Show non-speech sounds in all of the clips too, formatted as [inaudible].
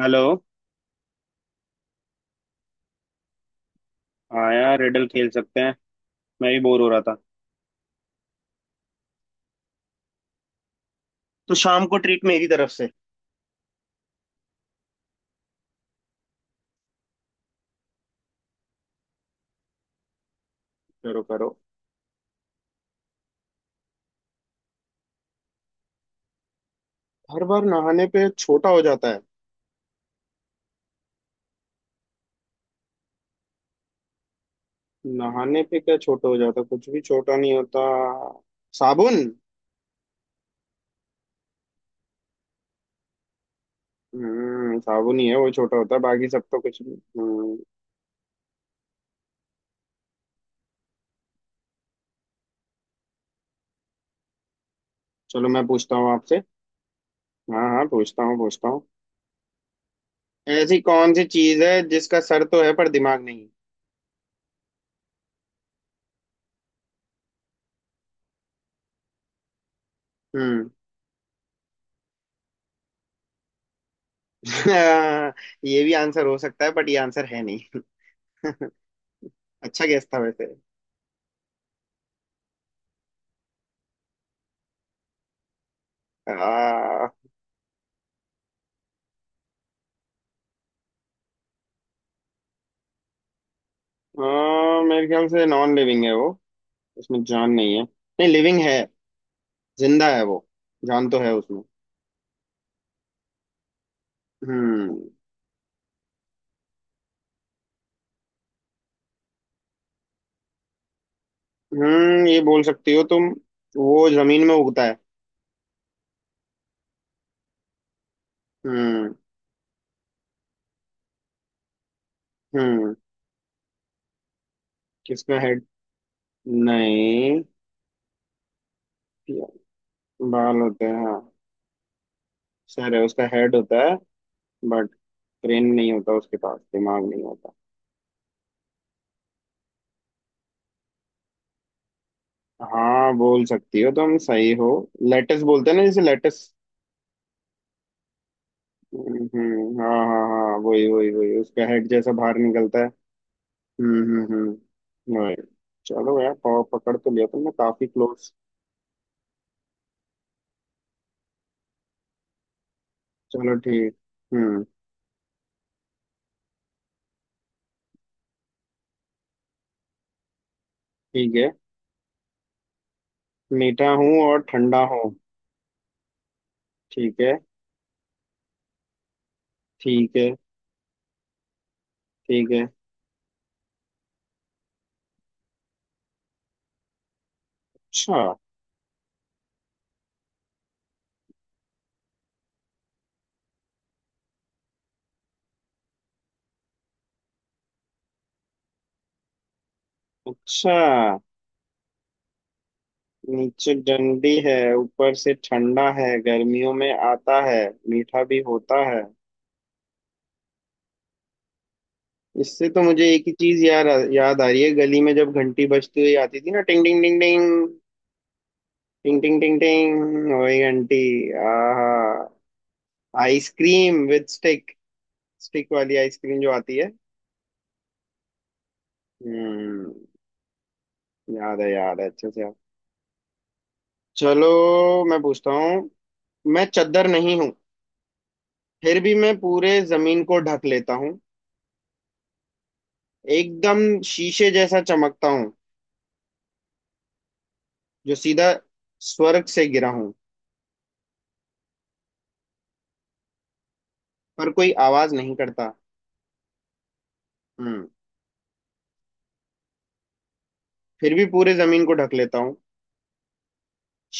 Hello. हाँ यार, riddle खेल सकते हैं। मैं भी बोर हो रहा था। तो शाम को ट्रीट मेरी तरफ से। करो करो। हर बार नहाने पे छोटा हो जाता है? नहाने पे क्या छोटा हो जाता, कुछ भी छोटा नहीं होता। साबुन। साबुन ही है, वो छोटा होता है, बाकी सब तो कुछ नहीं। चलो मैं पूछता हूँ आपसे। हाँ हाँ, पूछता हूँ। ऐसी कौन सी चीज है जिसका सर तो है पर दिमाग नहीं? हम्म। [laughs] ये भी आंसर हो सकता है बट ये आंसर है नहीं। [laughs] अच्छा गेस था वैसे। आ, हाँ मेरे ख्याल से नॉन लिविंग है वो। उसमें जान नहीं है। नहीं, लिविंग है। जिंदा है वो, जान तो है उसमें। हम्म। ये बोल सकती हो तुम। वो जमीन में उगता है। हम्म। हम्म। किसका हेड? नहीं। बाल होते हैं, हाँ। सर है, उसका हेड होता है। बट ब्रेन नहीं होता, उसके पास दिमाग नहीं होता। हाँ, बोल सकती हो तुम, सही हो। लेटस बोलते हैं ना, जैसे लेटस। हाँ हाँ हाँ, वही वही वही उसका हेड जैसा बाहर निकलता है। हम्म। Right. चलो यार, पाव पकड़ तो लिया तुमने, काफी क्लोज। चलो ठीक। हम्म। ठीक है। मीठा हूँ और ठंडा हूँ। ठीक है। ठीक है। ठीक है। अच्छा। अच्छा, नीचे डंडी है, ऊपर से ठंडा है, गर्मियों में आता है, मीठा भी होता है। इससे तो मुझे एक ही चीज यार याद आ रही है। गली में जब घंटी बजती हुई आती थी ना, टिंग टिंग टिंग टिंग। टिंग टिंग टिंग टिंग, वही घंटी। आहा। Ice cream with stick. स्टिक वाली आइसक्रीम जो आती है। हम्म। याद है याद है, अच्छे से याद। चलो, मैं पूछता हूँ। मैं चद्दर नहीं हूँ, फिर भी मैं पूरे जमीन को ढक लेता हूँ। एकदम शीशे जैसा चमकता हूँ। जो सीधा स्वर्ग से गिरा हूँ, पर कोई आवाज नहीं करता। हम्म। फिर भी पूरे जमीन को ढक लेता हूँ,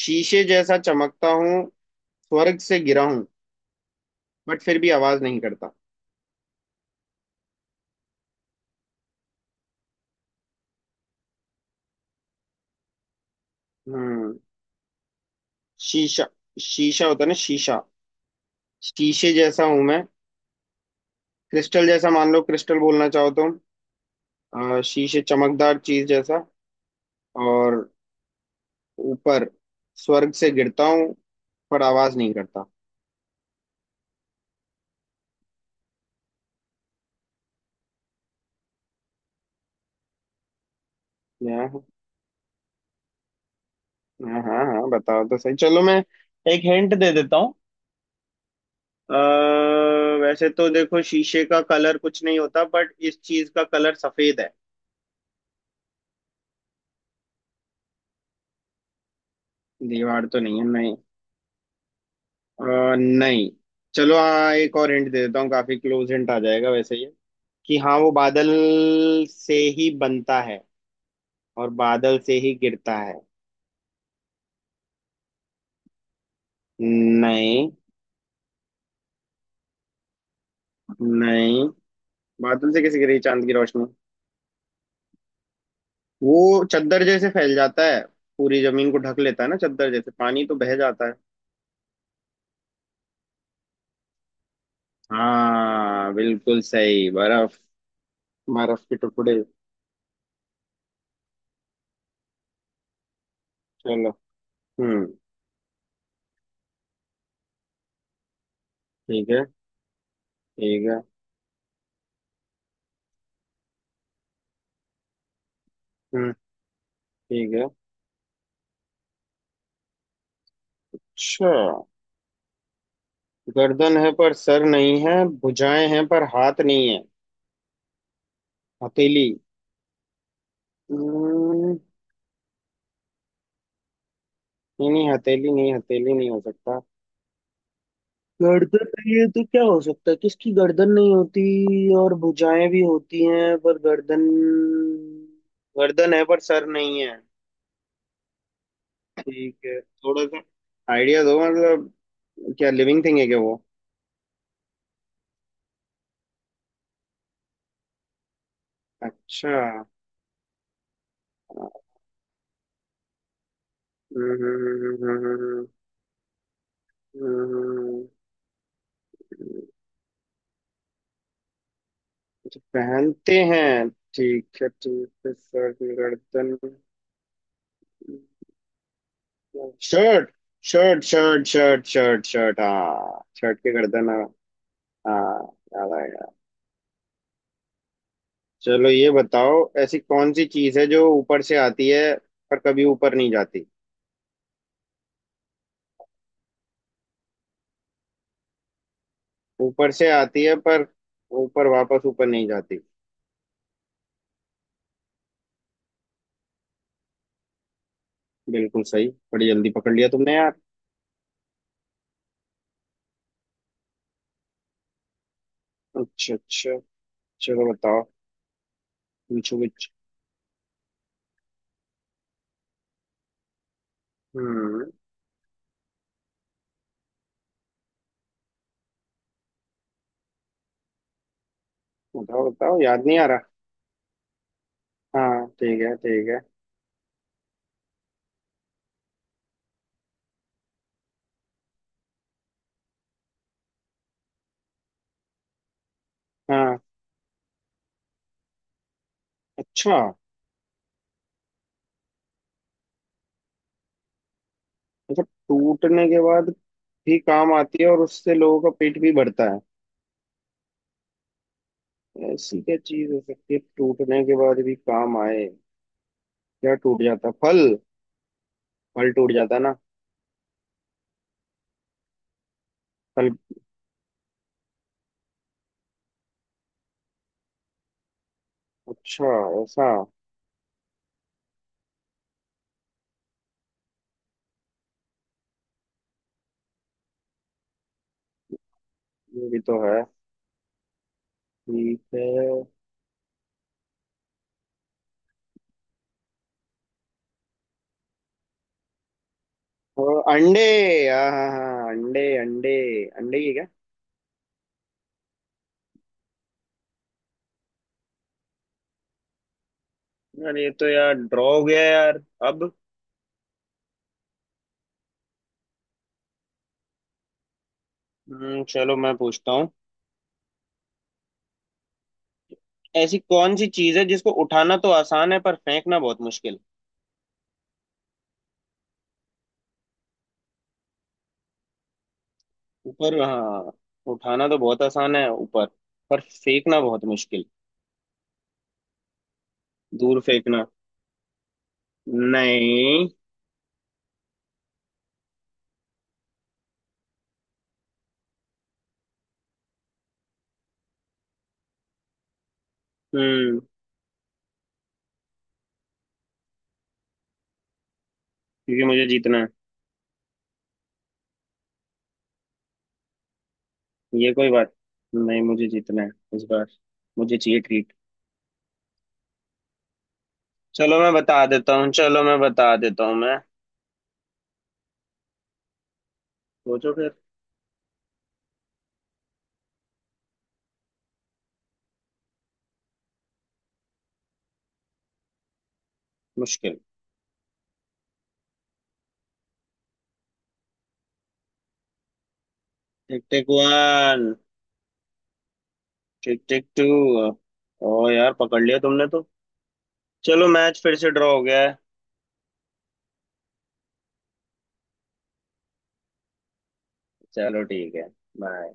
शीशे जैसा चमकता हूँ, स्वर्ग से गिरा हूँ, बट फिर भी आवाज नहीं करता। हम्म। शीशा, शीशा होता है ना, शीशा। शीशे जैसा हूं मैं। क्रिस्टल जैसा, मान लो क्रिस्टल बोलना चाहो तो। शीशे चमकदार चीज जैसा। और ऊपर स्वर्ग से गिरता हूँ, पर आवाज नहीं करता। हाँ। हाँ हाँ हाँ, बताओ तो सही। चलो मैं एक हिंट दे देता हूँ। अ, वैसे तो देखो शीशे का कलर कुछ नहीं होता, बट इस चीज का कलर सफेद है। दीवार तो नहीं है, नहीं। नहीं। चलो हाँ, एक और हिंट दे देता हूँ, काफी क्लोज हिंट आ जाएगा वैसे ये। कि हाँ, वो बादल से ही बनता है और बादल से ही गिरता है। नहीं। नहीं, बादल से कैसे गिरी चांद की रोशनी। वो चद्दर जैसे फैल जाता है, पूरी जमीन को ढक लेता है ना, चद्दर जैसे। पानी तो बह जाता है। हाँ बिल्कुल सही, बर्फ। बर्फ के टुकड़े। चलो। हम्म। ठीक है। ठीक है। हम्म। ठीक है। अच्छा, गर्दन है पर सर नहीं है, भुजाएं हैं पर हाथ नहीं है। हथेली। हम्म, नहीं नहीं, हथेली नहीं, हथेली नहीं हो सकता। गर्दन नहीं है तो क्या हो सकता है, किसकी गर्दन नहीं होती? और भुजाएं भी होती हैं पर गर्दन, गर्दन है पर सर नहीं है। ठीक है, थोड़ा सा आइडिया दो, मतलब क्या लिविंग थिंग है क्या वो? अच्छा। हम्म। अच्छा, पहनते हैं। ठीक है ठीक है, सर गर्दन। Shirt shirt shirt shirt shirt shirt हाँ, शर्ट के गर्दन, हाँ। हाँ, याद आएगा। चलो, ये बताओ, ऐसी कौन सी चीज है जो ऊपर से आती है पर कभी ऊपर नहीं जाती? ऊपर से आती है पर ऊपर, वापस ऊपर नहीं जाती। बिल्कुल सही, बड़ी जल्दी पकड़ लिया तुमने यार। अच्छा अच्छा। चलो बताओ, पूछो कुछ। हम्म। बताओ बताओ, याद नहीं आ रहा। हाँ ठीक है ठीक है। हाँ। अच्छा। अच्छा टूटने के बाद भी काम आती है और उससे लोगों का पेट भी भरता है। ऐसी क्या चीज हो सकती है, टूटने के बाद भी काम आए? क्या टूट जाता है? फल। फल टूट जाता है ना। फल। अच्छा। ऐसा। ये भी तो है। ठीक है। और अंडे, हाँ हाँ हाँ, अंडे अंडे। अंडे ही है क्या? यार ये तो यार ड्रॉ हो गया यार अब। चलो मैं पूछता हूँ। ऐसी कौन सी चीज है जिसको उठाना तो आसान है पर फेंकना बहुत मुश्किल? ऊपर हाँ, उठाना तो बहुत आसान है, ऊपर। पर फेंकना बहुत मुश्किल, दूर फेंकना। नहीं। हम्म। क्योंकि मुझे जीतना है। ये कोई बात नहीं, मुझे जीतना है इस बार, मुझे चाहिए ट्रीट। चलो मैं बता देता हूँ, चलो मैं बता देता हूँ मैं। सोचो फिर। मुश्किल। Tick tick one. Tick tick two. ओ यार, पकड़ लिया तुमने तो। चलो मैच फिर से ड्रॉ हो गया है। चलो ठीक है। बाय।